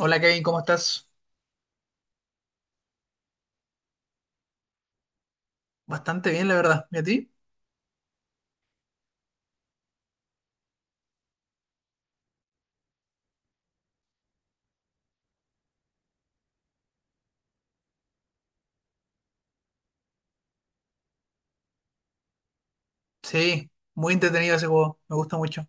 Hola Kevin, ¿cómo estás? Bastante bien, la verdad. ¿Y a ti? Sí, muy entretenido ese juego, me gusta mucho.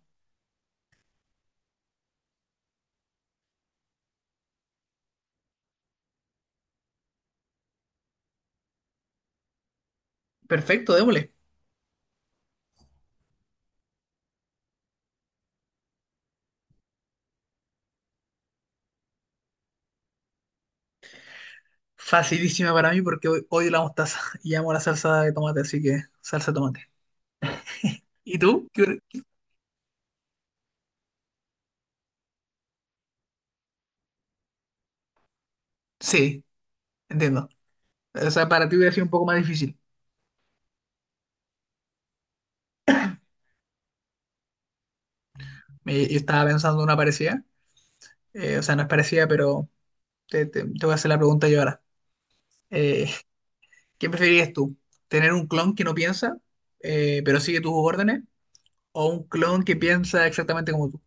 Perfecto, démosle. Facilísima para mí porque hoy odio la mostaza y amo la salsa de tomate, así que salsa de tomate. ¿Y tú? ¿Qué Sí, entiendo. O sea, para ti hubiera sido un poco más difícil. Yo estaba pensando en una parecida, o sea, no es parecida, pero te voy a hacer la pregunta yo ahora. Eh, ¿Qué preferirías tú? ¿Tener un clon que no piensa, pero sigue tus órdenes? ¿O un clon que piensa exactamente como tú?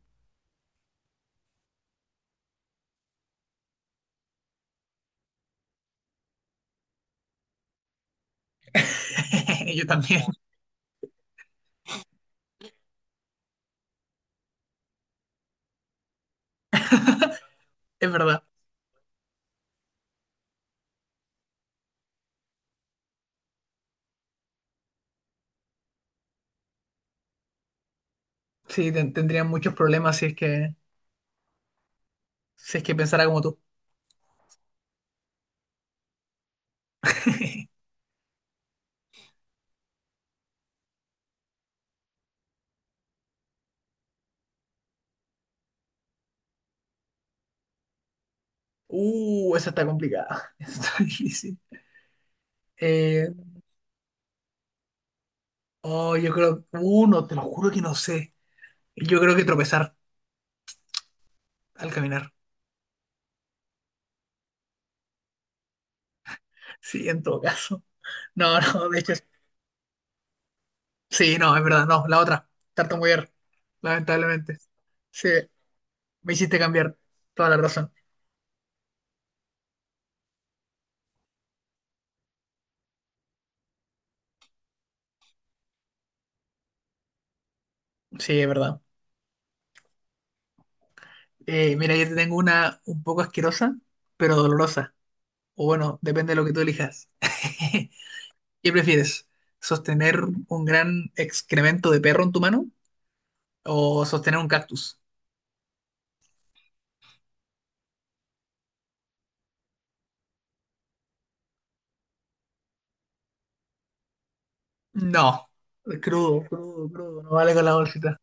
Yo también, es verdad. Sí, tendría muchos problemas si es que, si es que pensara como tú. Esa está complicada. Esa está difícil. Eh, oh, yo creo, uno te lo juro que no sé. Yo creo que tropezar al caminar. Sí, en todo caso. No, no, de hecho, sí, no, es verdad, no, la otra, tartamudear, lamentablemente. Sí, me hiciste cambiar toda la razón. Sí, es verdad. Mira, yo te tengo una un poco asquerosa, pero dolorosa. O bueno, depende de lo que tú elijas. ¿Qué prefieres? ¿Sostener un gran excremento de perro en tu mano o sostener un cactus? No, crudo, crudo, crudo, no vale con la bolsita.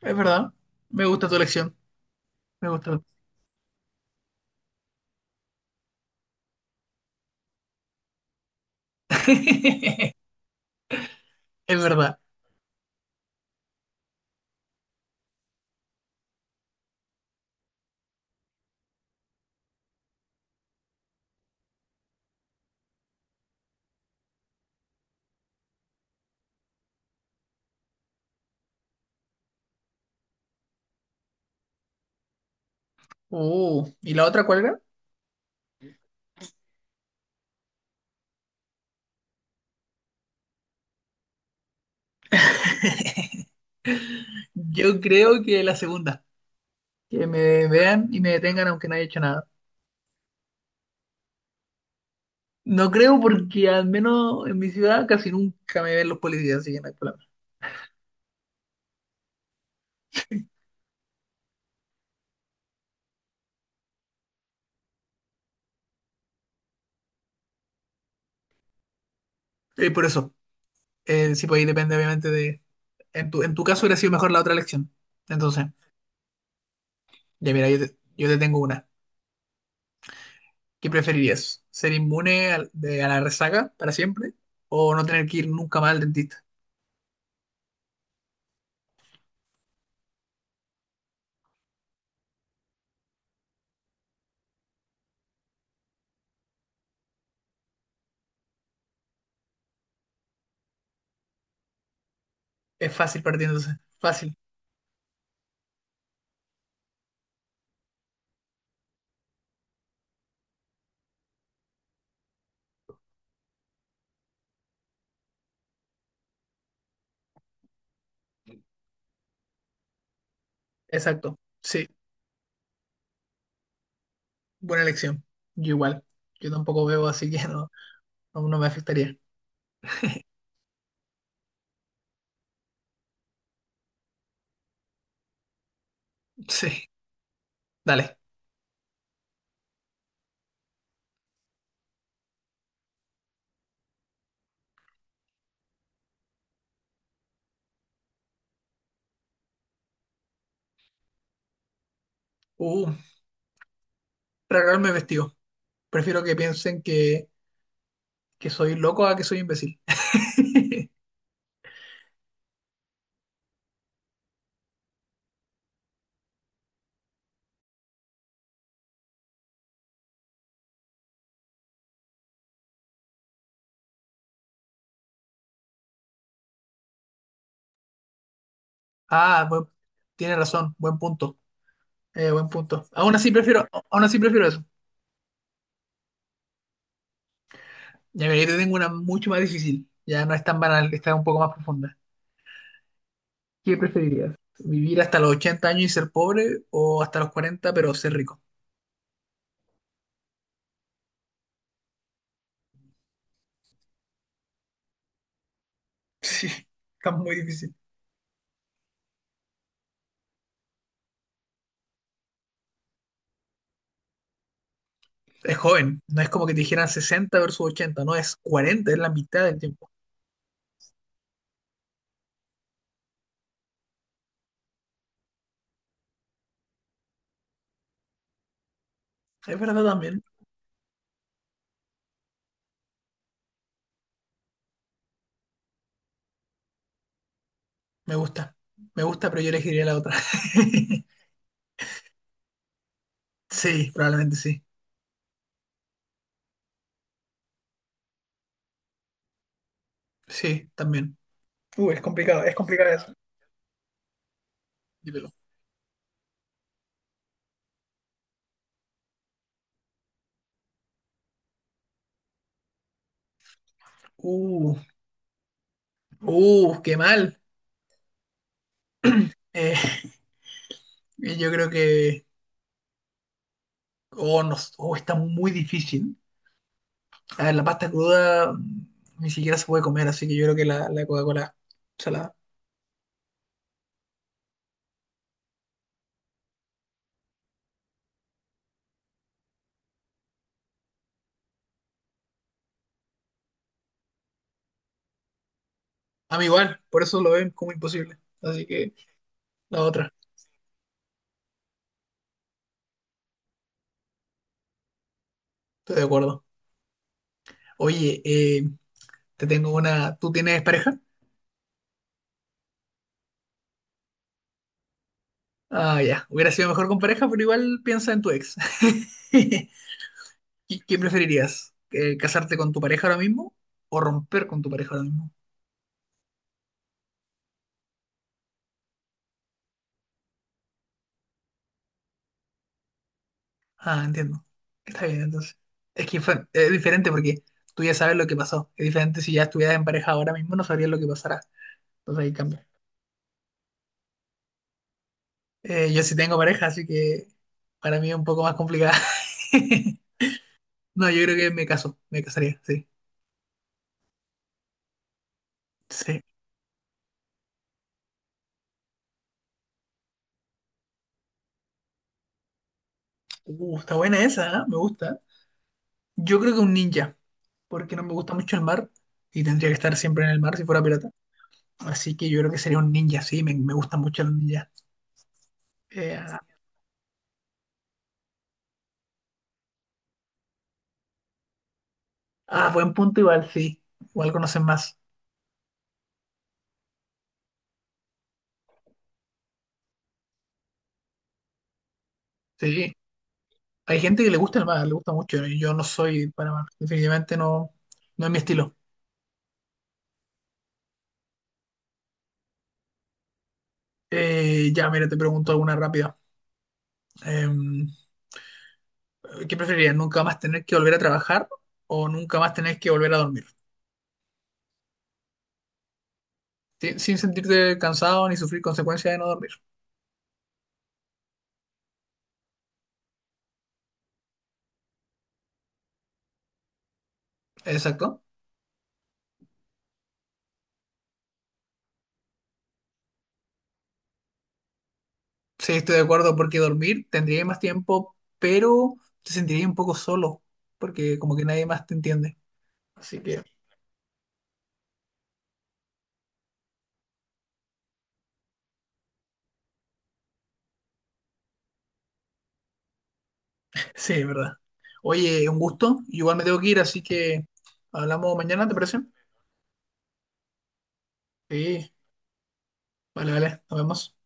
Es verdad, me gusta tu elección, me gustó. Es verdad. ¿Y la otra cuál era? Yo creo que la segunda, que me vean y me detengan aunque no haya hecho nada. No creo porque al menos en mi ciudad casi nunca me ven los policías, así que no hay problema. Y por eso. Sí, pues ahí depende, obviamente, de. En tu caso hubiera sido mejor la otra elección. Entonces, ya mira, yo te tengo una. ¿Qué preferirías? ¿Ser inmune a la resaca para siempre? ¿O no tener que ir nunca más al dentista? Es fácil partiéndose. Fácil. Exacto. Sí, buena elección. Yo igual. Yo tampoco veo, así que no, no, no me afectaría. Sí, dale. Uh, regalarme vestido. Prefiero que piensen que soy loco a que soy imbécil. Ah, tienes razón. Buen punto. Buen punto. Aún así prefiero eso. Ya mira, yo te tengo una mucho más difícil. Ya no es tan banal, está un poco más profunda. ¿Qué preferirías? ¿Vivir hasta los 80 años y ser pobre o hasta los 40 pero ser rico? Sí, está muy difícil. Es joven, no es como que te dijeran 60 versus 80 no, es 40 es la mitad del tiempo. Es verdad también, me gusta. Me gusta, pero yo elegiría la otra. Sí, probablemente sí. Sí, también. Es complicado eso. Dímelo. Uh, qué mal. Eh, Yo creo que oh, no, oh, está muy difícil. A ver, la pasta cruda ni siquiera se puede comer, así que yo creo que la Coca-Cola salada. A mí igual, por eso lo ven como imposible. Así que la otra, estoy de acuerdo. Oye, te tengo una. ¿Tú tienes pareja? Ah, ya. Hubiera sido mejor con pareja, pero igual piensa en tu ex. ¿Qué preferirías? ¿ ¿Casarte con tu pareja ahora mismo o romper con tu pareja ahora mismo? Ah, entiendo. Está bien, entonces. Es diferente porque tú ya sabes lo que pasó. Es diferente si ya estuvieras en pareja ahora mismo, no sabrías lo que pasará. Entonces ahí cambia. Yo sí tengo pareja, así que para mí es un poco más complicada. No, yo creo que me caso, me casaría, sí. Sí. Está buena esa, ¿eh? Me gusta. Yo creo que un ninja, porque no me gusta mucho el mar y tendría que estar siempre en el mar si fuera pirata. Así que yo creo que sería un ninja, sí, me gustan mucho los ninjas. Eh, ah, ah, buen punto igual, sí. Igual conocen más. Sí, sí. Hay gente que le gusta el mar, le gusta mucho. Yo no soy para mar, definitivamente no, no es mi estilo. Ya, mira, te pregunto alguna rápida. Eh, ¿Qué preferirías? ¿Nunca más tener que volver a trabajar o nunca más tener que volver a dormir? Sin sentirte cansado ni sufrir consecuencias de no dormir. Exacto. Sí, estoy de acuerdo porque dormir tendría más tiempo, pero te sentiría un poco solo porque como que nadie más te entiende. Así que sí, es verdad. Oye, un gusto. Igual me tengo que ir, así que hablamos mañana, ¿te parece? Sí, vale, vale, nos vemos.